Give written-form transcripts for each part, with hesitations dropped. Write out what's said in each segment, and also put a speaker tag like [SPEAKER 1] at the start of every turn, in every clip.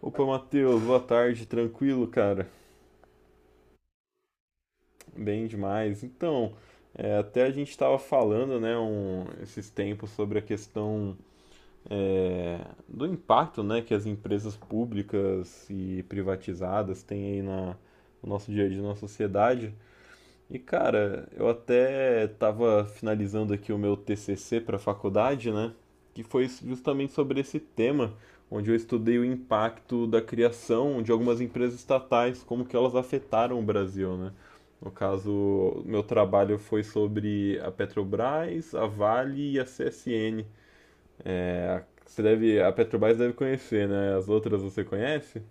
[SPEAKER 1] Opa, Matheus, boa tarde, tranquilo, cara? Bem demais. Então, até a gente estava falando, né, esses tempos sobre a questão, é, do impacto, né, que as empresas públicas e privatizadas têm aí no nosso dia a dia, na sociedade. E cara, eu até estava finalizando aqui o meu TCC para a faculdade, né? Que foi justamente sobre esse tema, onde eu estudei o impacto da criação de algumas empresas estatais, como que elas afetaram o Brasil, né? No caso, meu trabalho foi sobre a Petrobras, a Vale e a CSN. É, você deve, a Petrobras deve conhecer, né? As outras você conhece?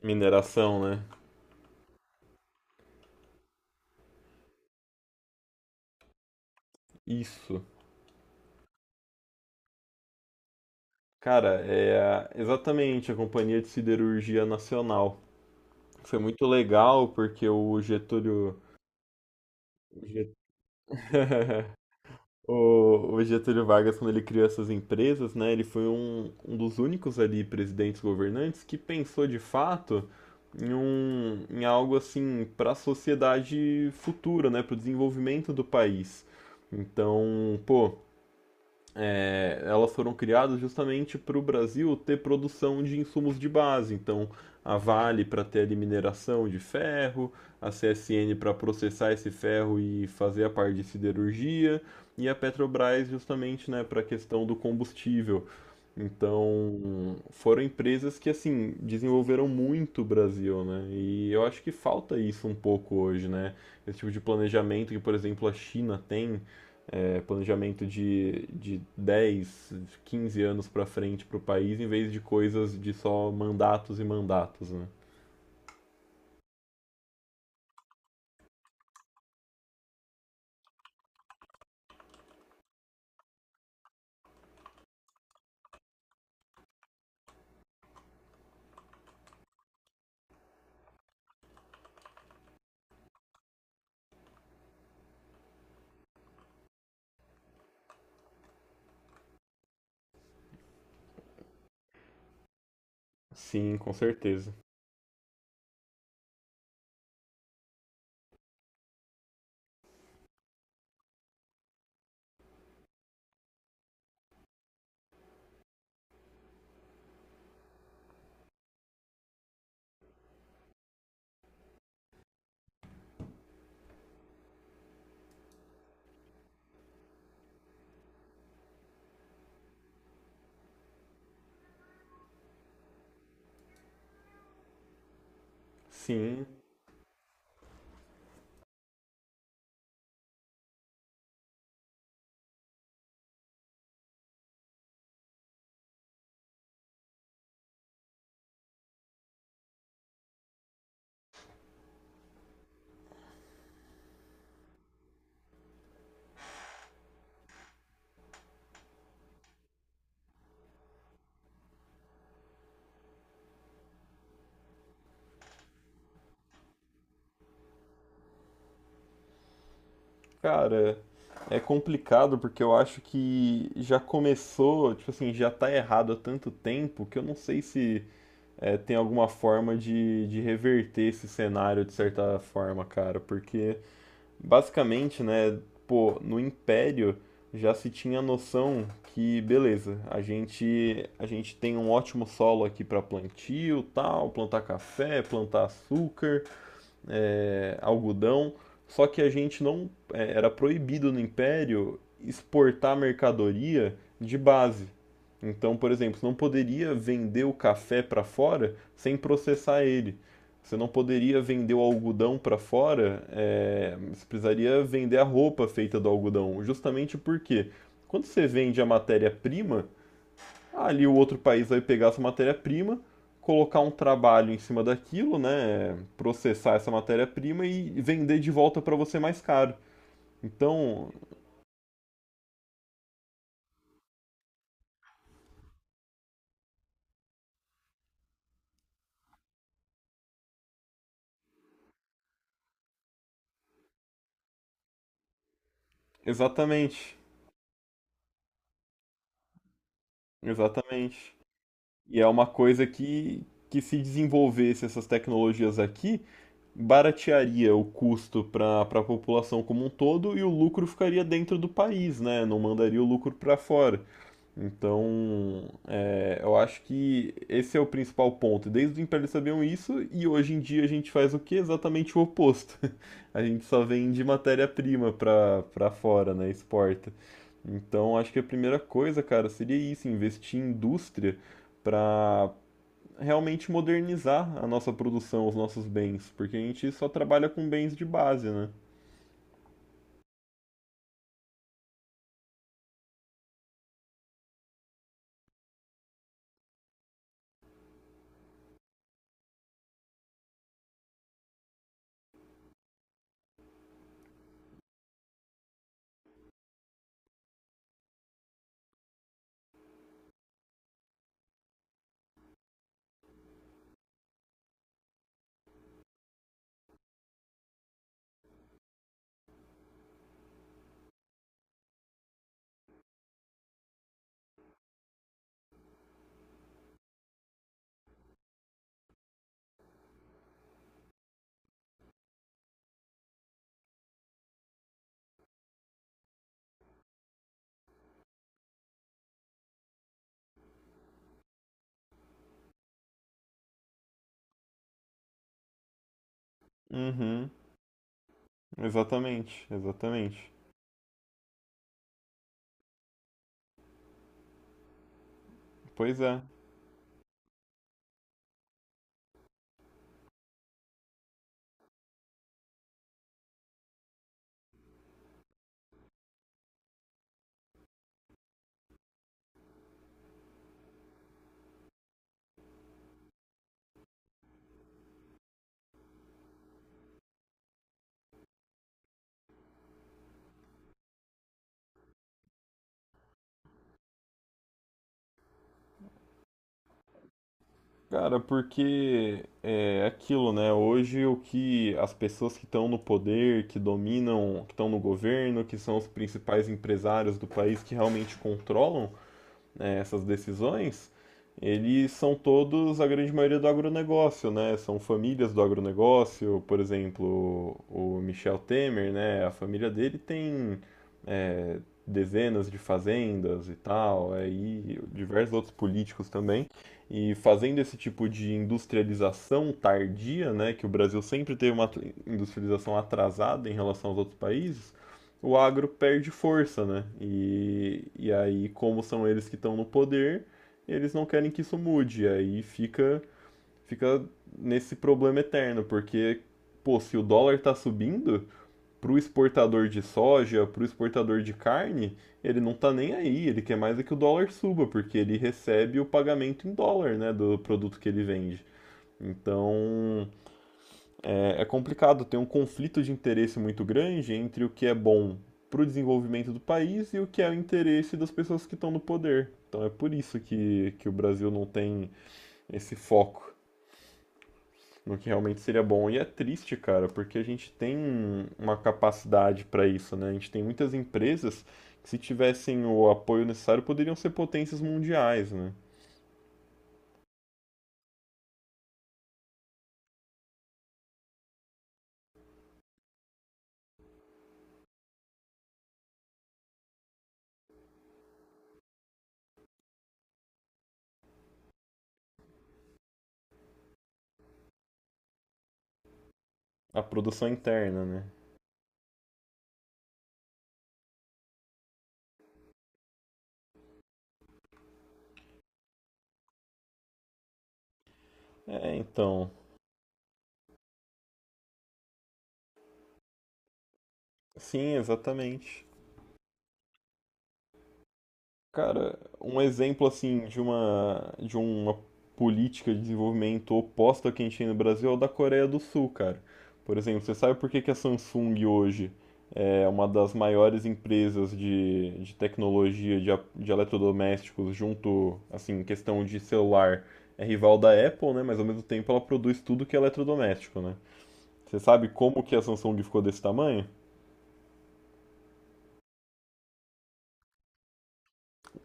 [SPEAKER 1] Mineração, né? Isso. Cara, é exatamente a Companhia de Siderurgia Nacional. Foi muito legal porque o Getúlio, o Get- o Getúlio Vargas, quando ele criou essas empresas, né, ele foi um dos únicos ali presidentes governantes que pensou de fato em algo assim para a sociedade futura, né, para o desenvolvimento do país. Então, pô, é, elas foram criadas justamente para o Brasil ter produção de insumos de base. Então, a Vale para ter ali mineração de ferro, a CSN para processar esse ferro e fazer a parte de siderurgia, e a Petrobras justamente, né, para a questão do combustível. Então, foram empresas que assim desenvolveram muito o Brasil, né? E eu acho que falta isso um pouco hoje, né? Esse tipo de planejamento que, por exemplo, a China tem é, planejamento de 10, 15 anos para frente para o país, em vez de coisas de só mandatos e mandatos, né? Sim, com certeza. Sim, cara, é complicado porque eu acho que já começou, tipo assim, já tá errado há tanto tempo que eu não sei se é, tem alguma forma de reverter esse cenário de certa forma, cara, porque basicamente, né, pô, no Império já se tinha a noção que, beleza, a gente tem um ótimo solo aqui para plantio, tal, plantar café, plantar açúcar, é, algodão, só que a gente era proibido no Império exportar mercadoria de base. Então, por exemplo, você não poderia vender o café para fora sem processar ele. Você não poderia vender o algodão para fora, é, você precisaria vender a roupa feita do algodão. Justamente porque quando você vende a matéria-prima, ali o outro país vai pegar essa matéria-prima, colocar um trabalho em cima daquilo, né? Processar essa matéria-prima e vender de volta para você mais caro. Então, exatamente, exatamente. E é uma coisa que se desenvolvesse essas tecnologias aqui, baratearia o custo para a população como um todo e o lucro ficaria dentro do país, né? Não mandaria o lucro para fora. Então, é, eu acho que esse é o principal ponto. Desde o Império eles sabiam isso, e hoje em dia a gente faz o que? Exatamente o oposto. A gente só vende matéria-prima pra fora, né? Exporta. Então, acho que a primeira coisa, cara, seria isso, investir em indústria pra realmente modernizar a nossa produção, os nossos bens, porque a gente só trabalha com bens de base, né? Uhum, exatamente, exatamente. Pois é. Cara, porque é aquilo, né? Hoje o que as pessoas que estão no poder, que dominam, que estão no governo, que são os principais empresários do país que realmente controlam, né, essas decisões, eles são todos, a grande maioria, do agronegócio, né? São famílias do agronegócio, por exemplo, o Michel Temer, né? A família dele tem é, dezenas de fazendas e tal, é, e diversos outros políticos também. E fazendo esse tipo de industrialização tardia, né? Que o Brasil sempre teve uma industrialização atrasada em relação aos outros países, o agro perde força, né? E aí, como são eles que estão no poder, eles não querem que isso mude. E aí fica, fica nesse problema eterno, porque, pô, se o dólar tá subindo, pro exportador de soja, pro exportador de carne, ele não tá nem aí. Ele quer mais é que o dólar suba, porque ele recebe o pagamento em dólar, né, do produto que ele vende. Então, é, é complicado, tem um conflito de interesse muito grande entre o que é bom para o desenvolvimento do país e o que é o interesse das pessoas que estão no poder. Então é por isso que o Brasil não tem esse foco no que realmente seria bom. E é triste, cara, porque a gente tem uma capacidade para isso, né? A gente tem muitas empresas que, se tivessem o apoio necessário, poderiam ser potências mundiais, né? A produção interna, né? É, então. Sim, exatamente. Cara, um exemplo assim de uma política de desenvolvimento oposta ao que a gente tem no Brasil é o da Coreia do Sul, cara. Por exemplo, você sabe por que que a Samsung hoje é uma das maiores empresas de tecnologia de eletrodomésticos junto, assim, em questão de celular, é rival da Apple, né? Mas ao mesmo tempo ela produz tudo que é eletrodoméstico, né? Você sabe como que a Samsung ficou desse tamanho?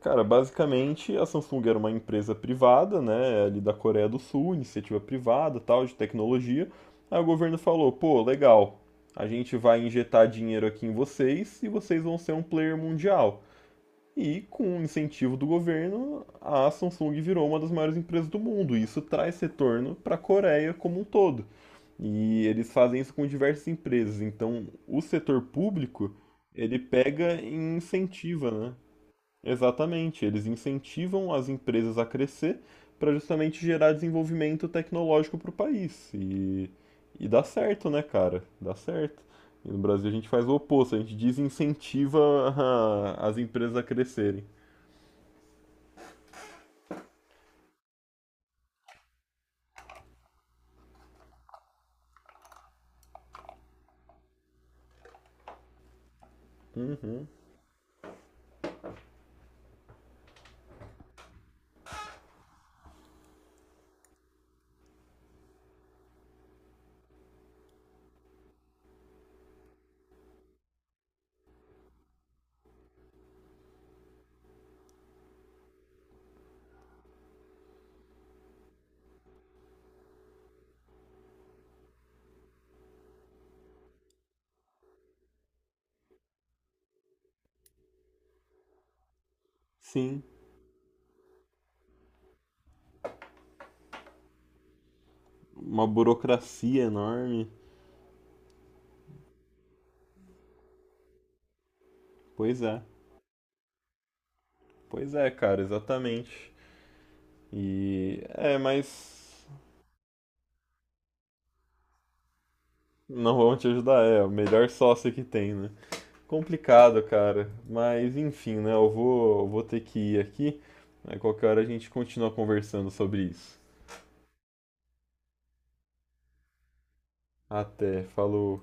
[SPEAKER 1] Cara, basicamente a Samsung era uma empresa privada, né, ali da Coreia do Sul, iniciativa privada, tal, de tecnologia. Aí o governo falou: "Pô, legal. A gente vai injetar dinheiro aqui em vocês e vocês vão ser um player mundial". E com o incentivo do governo, a Samsung virou uma das maiores empresas do mundo. E isso traz retorno para a Coreia como um todo. E eles fazem isso com diversas empresas. Então, o setor público, ele pega e incentiva, né? Exatamente, eles incentivam as empresas a crescer para justamente gerar desenvolvimento tecnológico para o país. E dá certo, né, cara? Dá certo. E no Brasil a gente faz o oposto, a gente desincentiva as empresas a crescerem. Sim, uma burocracia enorme. Pois é, pois é, cara, exatamente. E é, mas não vão te ajudar, é o melhor sócio que tem, né? Complicado, cara. Mas enfim, né? Eu vou ter que ir aqui. Aí qualquer hora a gente continua conversando sobre isso. Até, falou.